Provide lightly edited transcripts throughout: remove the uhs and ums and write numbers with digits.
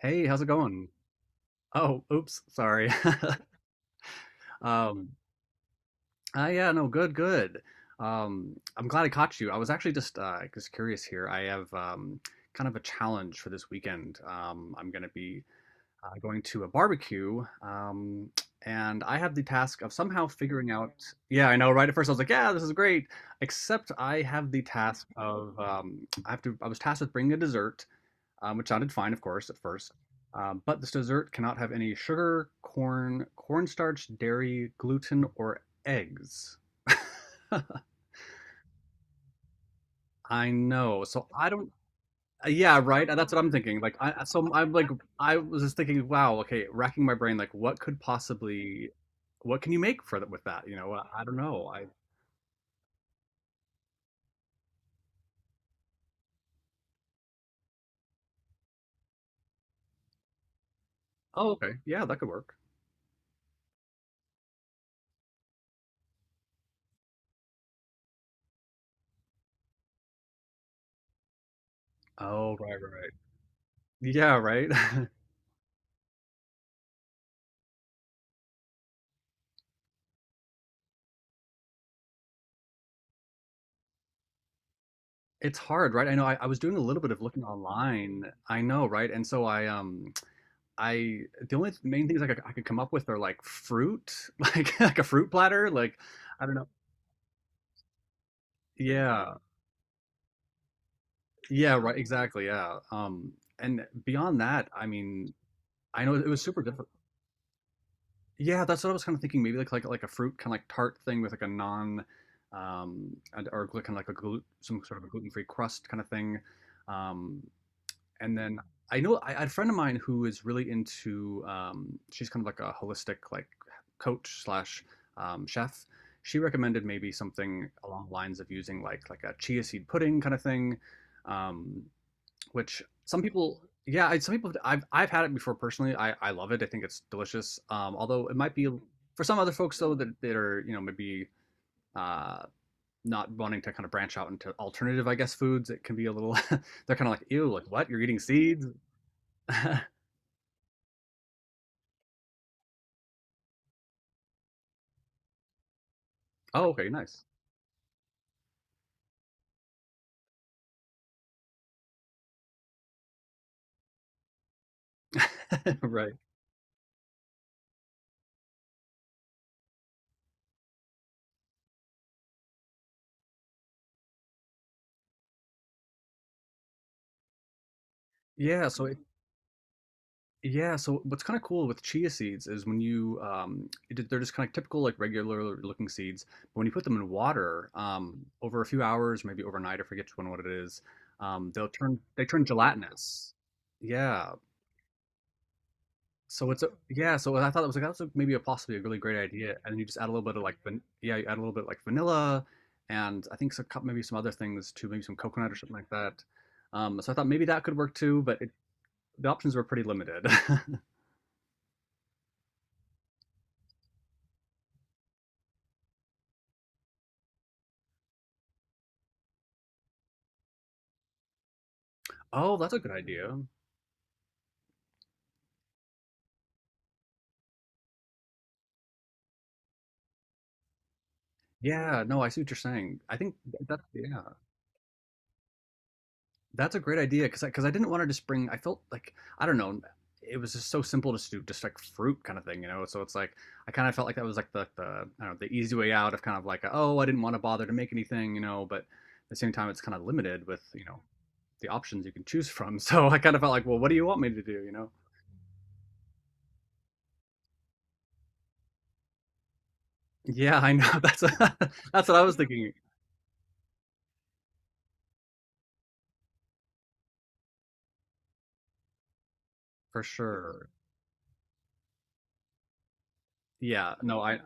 Hey, how's it going? Oh, oops, sorry. Um, yeah, no, good, good. I'm glad I caught you. I was actually just curious here. I have kind of a challenge for this weekend. I'm going to be going to a barbecue, and I have the task of somehow figuring out. Yeah, I know, right? At first, I was like, "Yeah, this is great," except I have the task of I have to. I was tasked with bringing a dessert, which sounded fine, of course, at first. But this dessert cannot have any sugar, corn, cornstarch, dairy, gluten, or eggs. I know. So I don't. Yeah, right. That's what I'm thinking. Like, I so I'm like I was just thinking, wow. Okay, racking my brain. Like, what could possibly? What can you make for that with that? You know, I don't know. I oh okay, yeah, that could work. Oh right, right, right. Yeah, right. It's hard, right? I know. I was doing a little bit of looking online. I know, right? And so I the only main things I could come up with are like fruit, like a fruit platter, like I don't know. Yeah. Yeah, right, exactly. Yeah. And beyond that, I mean, I know it was super difficult. Yeah, that's what I was kind of thinking. Maybe like like a fruit kind of like tart thing with like a non um and, or kind of like a gluten some sort of a gluten-free crust kind of thing. Um And then I know I had a friend of mine who is really into she's kind of like a holistic like coach slash chef. She recommended maybe something along the lines of using like a chia seed pudding kind of thing, um, which some people yeah some people I've had it before personally. I love it. I think it's delicious. Although it might be for some other folks though that are you know maybe uh, not wanting to kind of branch out into alternative I guess foods. It can be a little they're kind of like ew like what you're eating seeds. Oh, okay, nice. Right. Yeah, so it, yeah, so what's kind of cool with chia seeds is when they're just kind of typical like regular looking seeds, but when you put them in water, over a few hours, maybe overnight, I forget which one what it is, they'll turn gelatinous. Yeah. So it's a yeah, so I thought it was like that's a, maybe a possibly a really great idea. And then you just add a little bit of like van yeah, you add a little bit like vanilla and I think some, maybe some other things too, maybe some coconut or something like that. So I thought maybe that could work too, but it the options were pretty limited. Oh, that's a good idea. Yeah, no, I see what you're saying. I think that's yeah, that's a great idea because 'cause I didn't want to just bring. I felt like I don't know. It was just so simple to do, just like fruit kind of thing, you know. So it's like I kind of felt like that was like the I don't know, the easy way out of kind of like oh I didn't want to bother to make anything, you know. But at the same time, it's kind of limited with you know the options you can choose from. So I kind of felt like well, what do you want me to do, you know? Yeah, I know. That's that's what I was thinking for sure. Yeah, no, I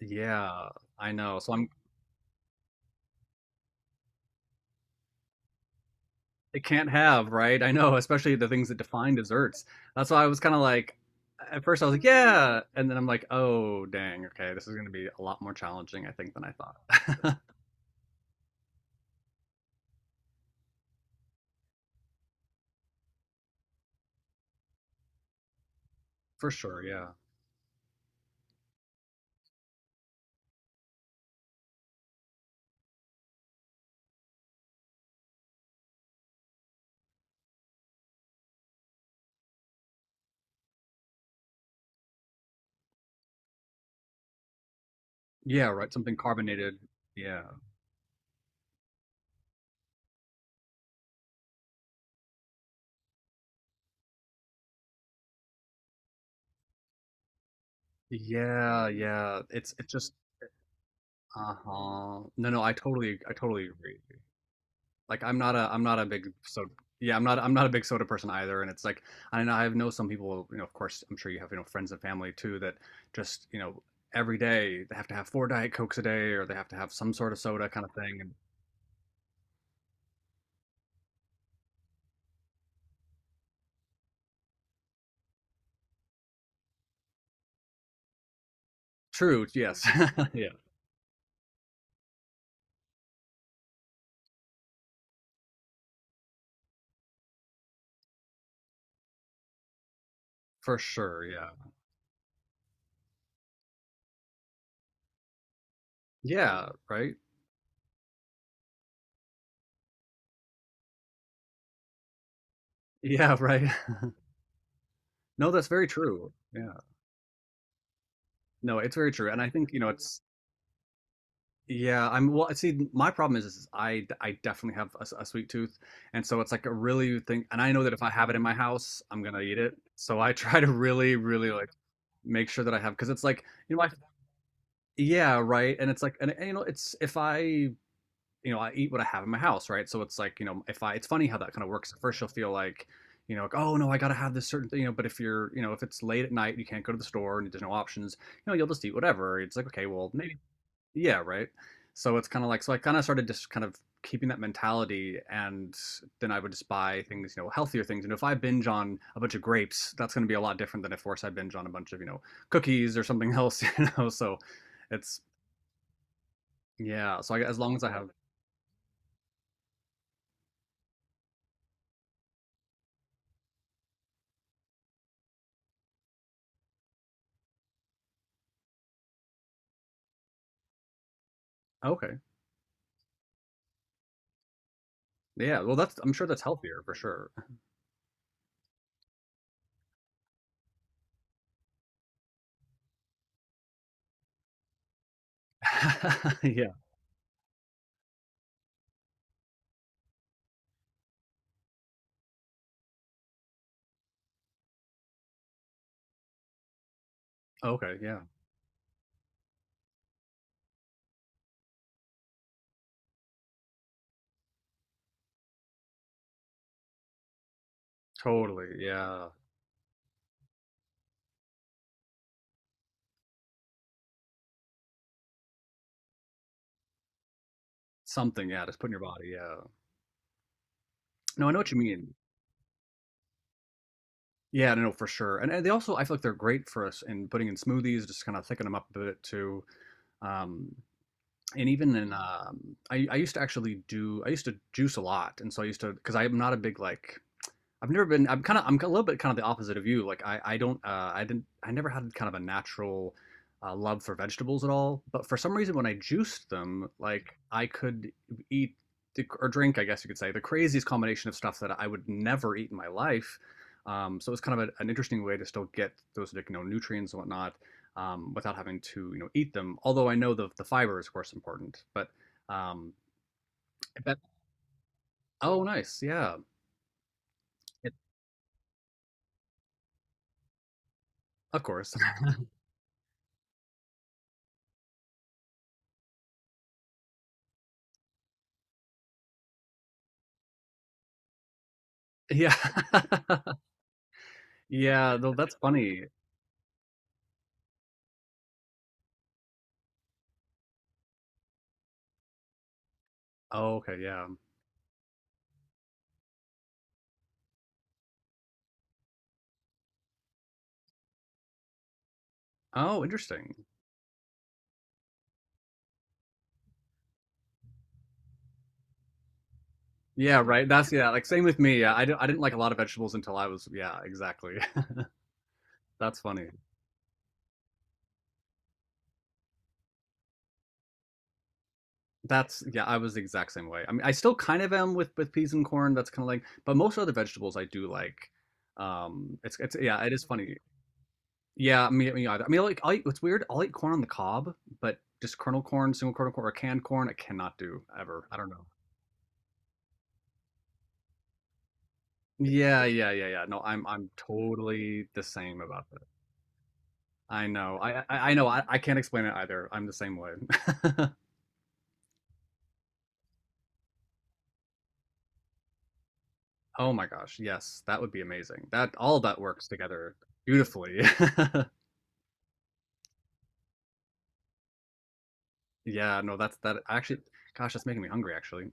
yeah, I know. So I'm it can't have, right? I know, especially the things that define desserts. That's why I was kind of like at first I was like, yeah, and then I'm like, oh, dang, okay, this is going to be a lot more challenging I think than I thought. For sure, yeah. Yeah, right, something carbonated. Yeah. Yeah, yeah. It's just uh-huh. No, no, I totally agree. Like I'm not a big soda yeah I'm not a big soda person either and it's like I know some people you know of course I'm sure you have you know friends and family too that just you know every day they have to have four diet cokes a day or they have to have some sort of soda kind of thing and true yes yeah for sure yeah yeah right yeah right no that's very true yeah no it's very true and I think you know it's yeah, I'm well. See, my problem is, is I definitely have a, a sweet tooth, and so it's like a really thing. And I know that if I have it in my house, I'm gonna eat it. So I try to really, really like make sure that I have because it's like you know, I, yeah, right. And it's like, and you know, it's if I you know I eat what I have in my house, right? So it's like you know, if I it's funny how that kind of works. At first, you'll feel like you know, like, oh no, I gotta have this certain thing, you know. But if you're you know, if it's late at night, you can't go to the store and there's no options you know, you'll just eat whatever. It's like, okay, well, maybe yeah, right. So it's kind of like, so I kind of started just kind of keeping that mentality, and then I would just buy things, you know, healthier things. And if I binge on a bunch of grapes, that's going to be a lot different than if, of course, I binge on a bunch of, you know, cookies or something else, you know. So it's, yeah. So I, as long as I have, okay. Yeah. Well, that's, I'm sure that's healthier for sure. Yeah. Okay. Yeah. Totally. Yeah. Something. Yeah. Just put in your body. Yeah. No, I know what you mean. Yeah, no, no, for sure. And they also, I feel like they're great for us in putting in smoothies, just kind of thicken them up a bit too. Um, and even I used to actually do, I used to juice a lot. And so I used to, because I'm not a big like I've never been. I'm kind of. I'm a little bit kind of the opposite of you. I don't. I didn't. I never had kind of a natural love for vegetables at all. But for some reason, when I juiced them, like I could eat the, or drink, I guess you could say, the craziest combination of stuff that I would never eat in my life. So it was kind of a, an interesting way to still get those like, you know nutrients and whatnot without having to you know eat them. Although I know the fiber is of course important, um, but oh nice, yeah, it, of course, yeah. Yeah, though that's funny. Oh, okay, yeah. Oh, interesting. Yeah, right. That's yeah, like same with me. Yeah, I didn't like a lot of vegetables until I was yeah, exactly. That's funny. That's yeah, I was the exact same way. I mean, I still kind of am with peas and corn. That's kind of like, but most other vegetables I do like. It's yeah, it is funny. Yeah, me either. I mean, like I eat, it's weird. I'll eat corn on the cob, but just kernel corn, single kernel corn, or canned corn, I cannot do ever. I don't know. Yeah, yeah, yeah, yeah. No, I'm totally the same about that. I know. I know. I can't explain it either. I'm the same way. Oh my gosh, yes, that would be amazing. That all of that works together beautifully. Yeah, no, that's that actually gosh, that's making me hungry actually.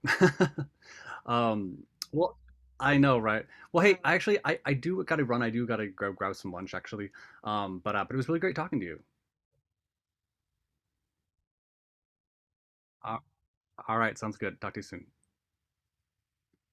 Um, well, I know, right? Well, hey, actually I do gotta run. I do gotta go grab some lunch actually. But it was really great talking to you. Uh, all right, sounds good. Talk to you soon.